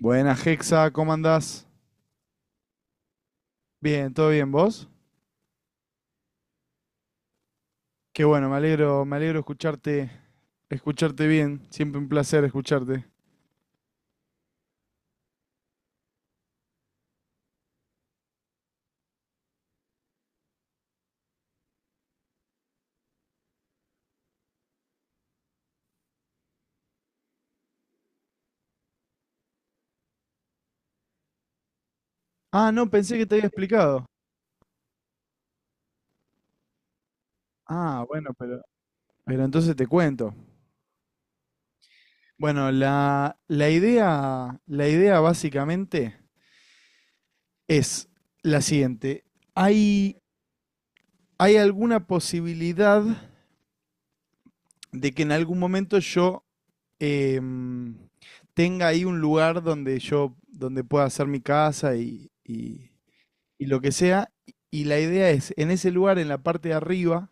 Buenas, Hexa, ¿cómo andás? Bien, ¿todo bien vos? Qué bueno, me alegro escucharte, escucharte bien. Siempre un placer escucharte. Ah, no, pensé que te había explicado. Ah, bueno, pero entonces te cuento. Bueno, la idea, la idea básicamente es la siguiente. ¿Hay, hay alguna posibilidad de que en algún momento yo em, tenga ahí un lugar donde yo, donde pueda hacer mi casa y lo que sea. Y la idea es, en ese lugar, en la parte de arriba,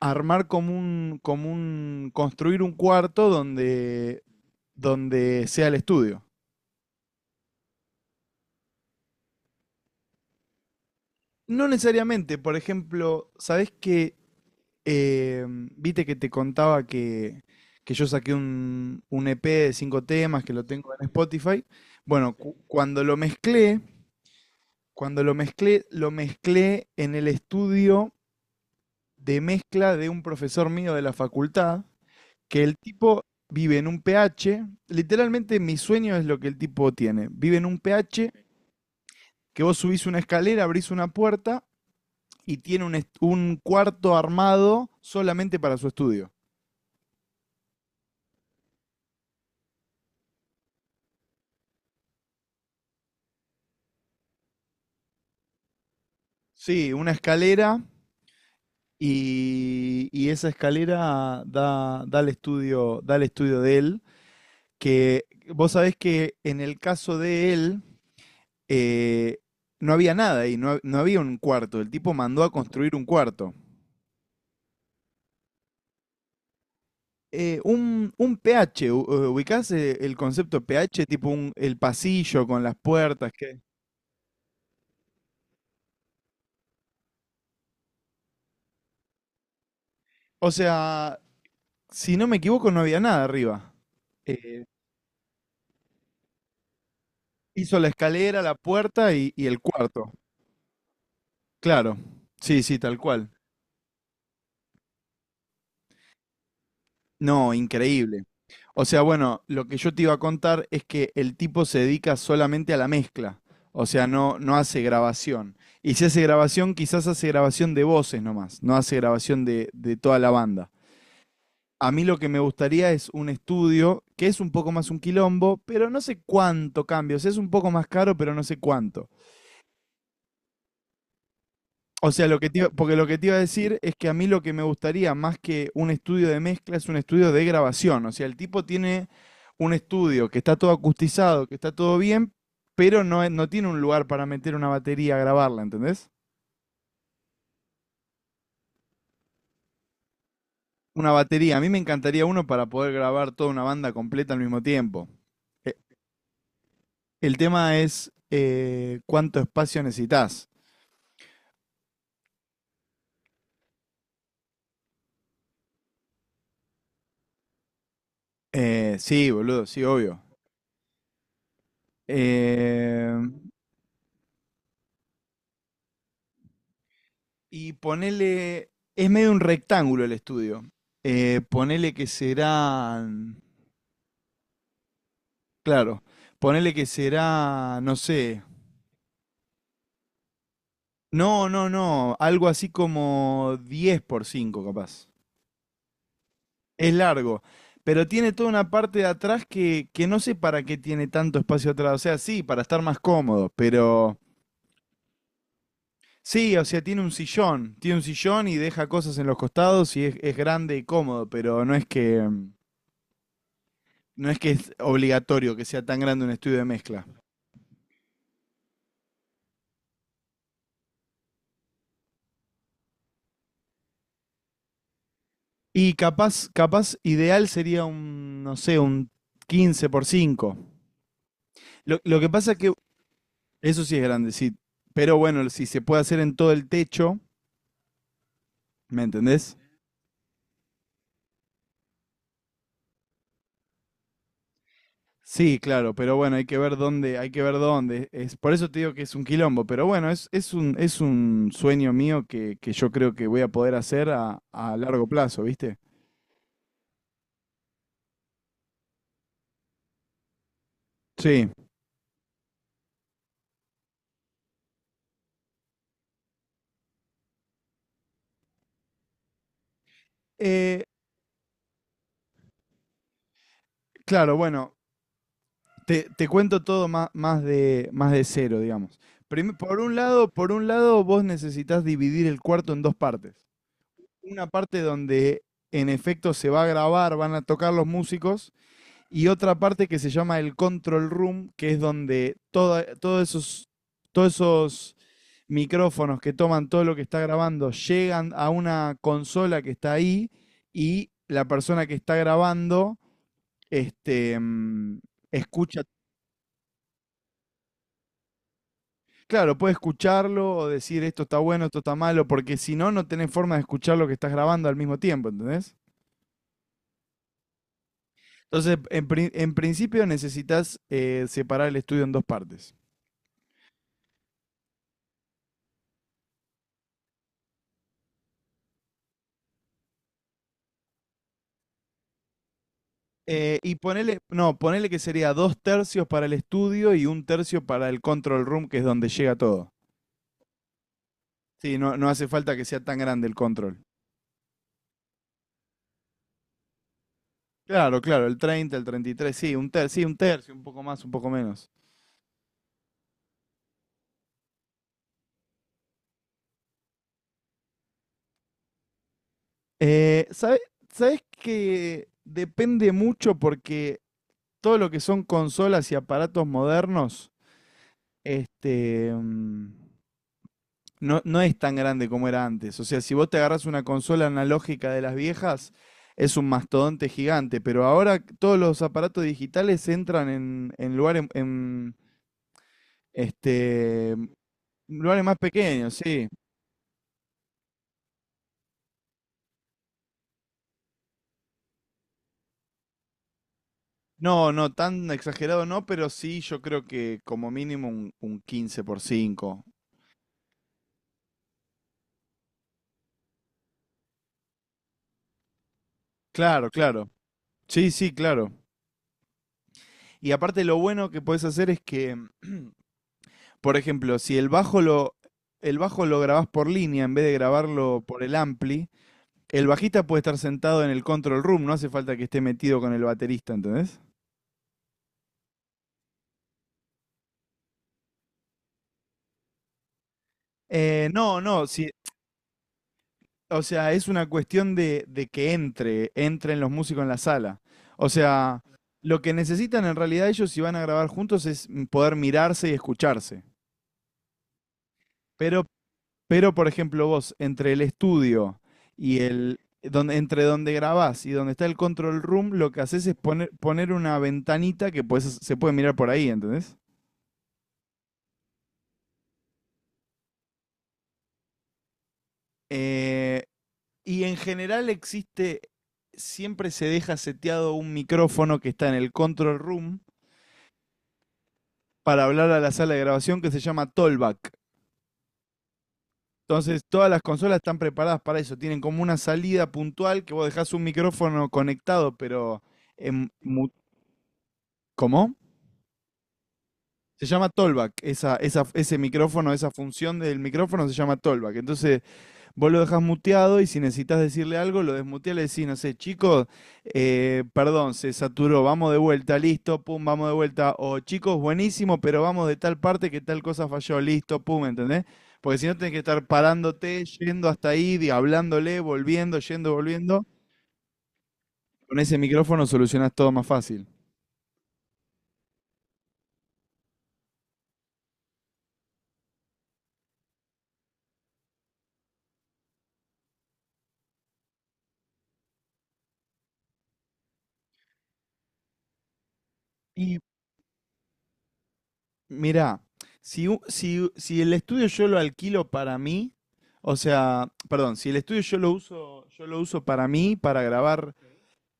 armar construir un cuarto donde, donde sea el estudio. No necesariamente, por ejemplo, ¿sabés que, viste que te contaba que yo saqué un EP de cinco temas que lo tengo en Spotify? Bueno, cuando lo mezclé en el estudio de mezcla de un profesor mío de la facultad que el tipo vive en un pH, literalmente mi sueño es lo que el tipo tiene, vive en un pH que vos subís una escalera, abrís una puerta y tiene un, un cuarto armado solamente para su estudio. Sí, una escalera y esa escalera da, da el estudio de él, que vos sabés que en el caso de él eh, no había nada ahí, no, no había un cuarto, el tipo mandó a construir un cuarto. Un pH, ¿ubicás el concepto pH? Tipo un, el pasillo con las puertas. Que... O sea, si no me equivoco, no había nada arriba. Eh, hizo la escalera, la puerta y el cuarto. Claro. Sí, sí, tal cual. No, increíble. O sea, bueno, lo que yo te iba a contar es que el tipo se dedica solamente a la mezcla. O sea, no, no hace grabación. Y si hace grabación, quizás hace grabación de voces nomás, no hace grabación de toda la banda. A mí lo que me gustaría es un estudio que es un poco más un quilombo, pero no sé cuánto cambio. O sea, es un poco más caro, pero no sé cuánto. O sea, lo que te iba- porque lo que te iba a decir es que a mí lo que me gustaría más que un estudio de mezcla es un estudio de grabación. O sea, el tipo tiene un estudio que está todo acustizado, que está todo bien, pero no, no tiene un lugar para meter una batería a grabarla, ¿entendés? Una batería. A mí me encantaría uno para poder grabar toda una banda completa al mismo tiempo. El tema es cuánto espacio necesitas. Sí, boludo, sí, obvio. Eh, y ponele, es medio un rectángulo el estudio. Ponele que serán, claro, ponele que será, no sé, no, no, no, algo así como 10 por 5, capaz. Es largo, pero tiene toda una parte de atrás que no sé para qué tiene tanto espacio atrás. O sea, sí, para estar más cómodo, pero... Sí, o sea, tiene un sillón y deja cosas en los costados y es grande y cómodo, pero no es que no es que es obligatorio que sea tan grande un estudio de mezcla. Y capaz, capaz ideal sería un, no sé, un 15 por 5. Lo que pasa es que eso sí es grande, sí, pero bueno, si se puede hacer en todo el techo, ¿me entendés? Sí, claro, pero bueno, hay que ver dónde, hay que ver dónde. Es, por eso te digo que es un quilombo, pero bueno, es un sueño mío que yo creo que voy a poder hacer a largo plazo, ¿viste? Sí. Eh, claro, bueno, te cuento todo más, más de cero, digamos. Por un lado, vos necesitas dividir el cuarto en dos partes. Una parte donde en efecto se va a grabar, van a tocar los músicos, y otra parte que se llama el control room, que es donde todos esos micrófonos que toman todo lo que está grabando llegan a una consola que está ahí y la persona que está grabando este, mm, escucha. Claro, puede escucharlo o decir esto está bueno, esto está malo, porque si no, no tenés forma de escuchar lo que estás grabando al mismo tiempo, ¿entendés? Entonces, en principio necesitas separar el estudio en dos partes. Y ponele, no, ponele que sería dos tercios para el estudio y un tercio para el control room, que es donde llega todo. Sí, no, no hace falta que sea tan grande el control. Claro, claro, el 33 sí, un tercio, un poco más, un poco menos. Eh, sabes ¿sabés que depende mucho porque todo lo que son consolas y aparatos modernos, este, mm, no, no es tan grande como era antes. O sea, si vos te agarras una consola analógica de las viejas, es un mastodonte gigante, pero ahora todos los aparatos digitales entran en lugares en, este lugares más pequeños, sí. No, no, tan exagerado no, pero sí yo creo que como mínimo un 15 por cinco. Claro, claro. Sí, sí, claro. Y aparte lo bueno que podés hacer es que, por ejemplo, si el bajo lo el bajo lo grabás por línea en vez de grabarlo por el ampli. El bajista puede estar sentado en el control room, no hace falta que esté metido con el baterista, ¿entendés? No, no, si, o sea, es una cuestión de que entren los músicos en la sala. O sea, lo que necesitan en realidad ellos si van a grabar juntos es poder mirarse y escucharse. Pero, pero por ejemplo, vos, entre el estudio y el, donde, entre donde grabás y donde está el control room, lo que haces es poner, poner una ventanita que se puede mirar por ahí, ¿entendés? Eh, Y en general existe, siempre se deja seteado un micrófono que está en el control room para hablar a la sala de grabación que se llama Tollback. Entonces, todas las consolas están preparadas para eso. Tienen como una salida puntual que vos dejás un micrófono conectado, pero en mu- ¿cómo? Se llama Tollback. Esa, ese micrófono, esa función del micrófono se llama Tollback. Entonces, vos lo dejás muteado y si necesitas decirle algo, lo desmuteas, le decís, no sé, chicos, perdón, se saturó, vamos de vuelta, listo, pum, vamos de vuelta. O chicos, buenísimo, pero vamos de tal parte que tal cosa falló, listo, pum, ¿entendés? Porque si no tenés que estar parándote, yendo hasta ahí, hablándole, volviendo, yendo, volviendo. Con ese micrófono solucionás todo más fácil. Y mirá, si el estudio yo lo alquilo para mí, o sea, perdón, si el estudio yo lo uso para mí, para grabar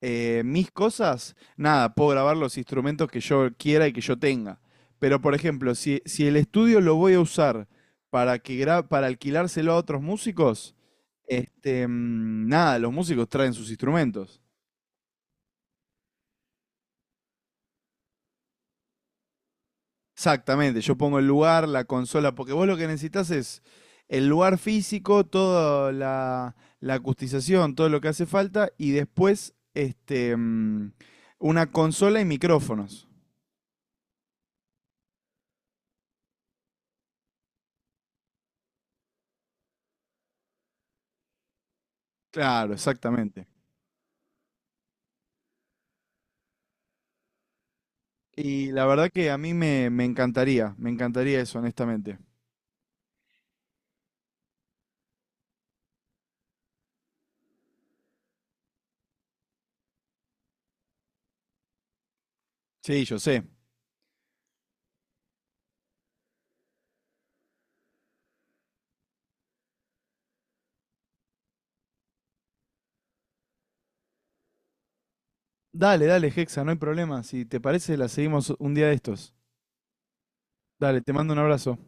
mis cosas, nada, puedo grabar los instrumentos que yo quiera y que yo tenga. Pero, por ejemplo, si, si el estudio lo voy a usar para, para alquilárselo a otros músicos, nada, los músicos traen sus instrumentos. Exactamente, yo pongo el lugar, la consola, porque vos lo que necesitas es el lugar físico, toda la, la acustización, todo lo que hace falta, y después una consola y micrófonos. Claro, exactamente. Y la verdad que a mí me, me encantaría eso, honestamente. Sí, yo sé. Dale, dale, Hexa, no hay problema. Si te parece, la seguimos un día de estos. Dale, te mando un abrazo.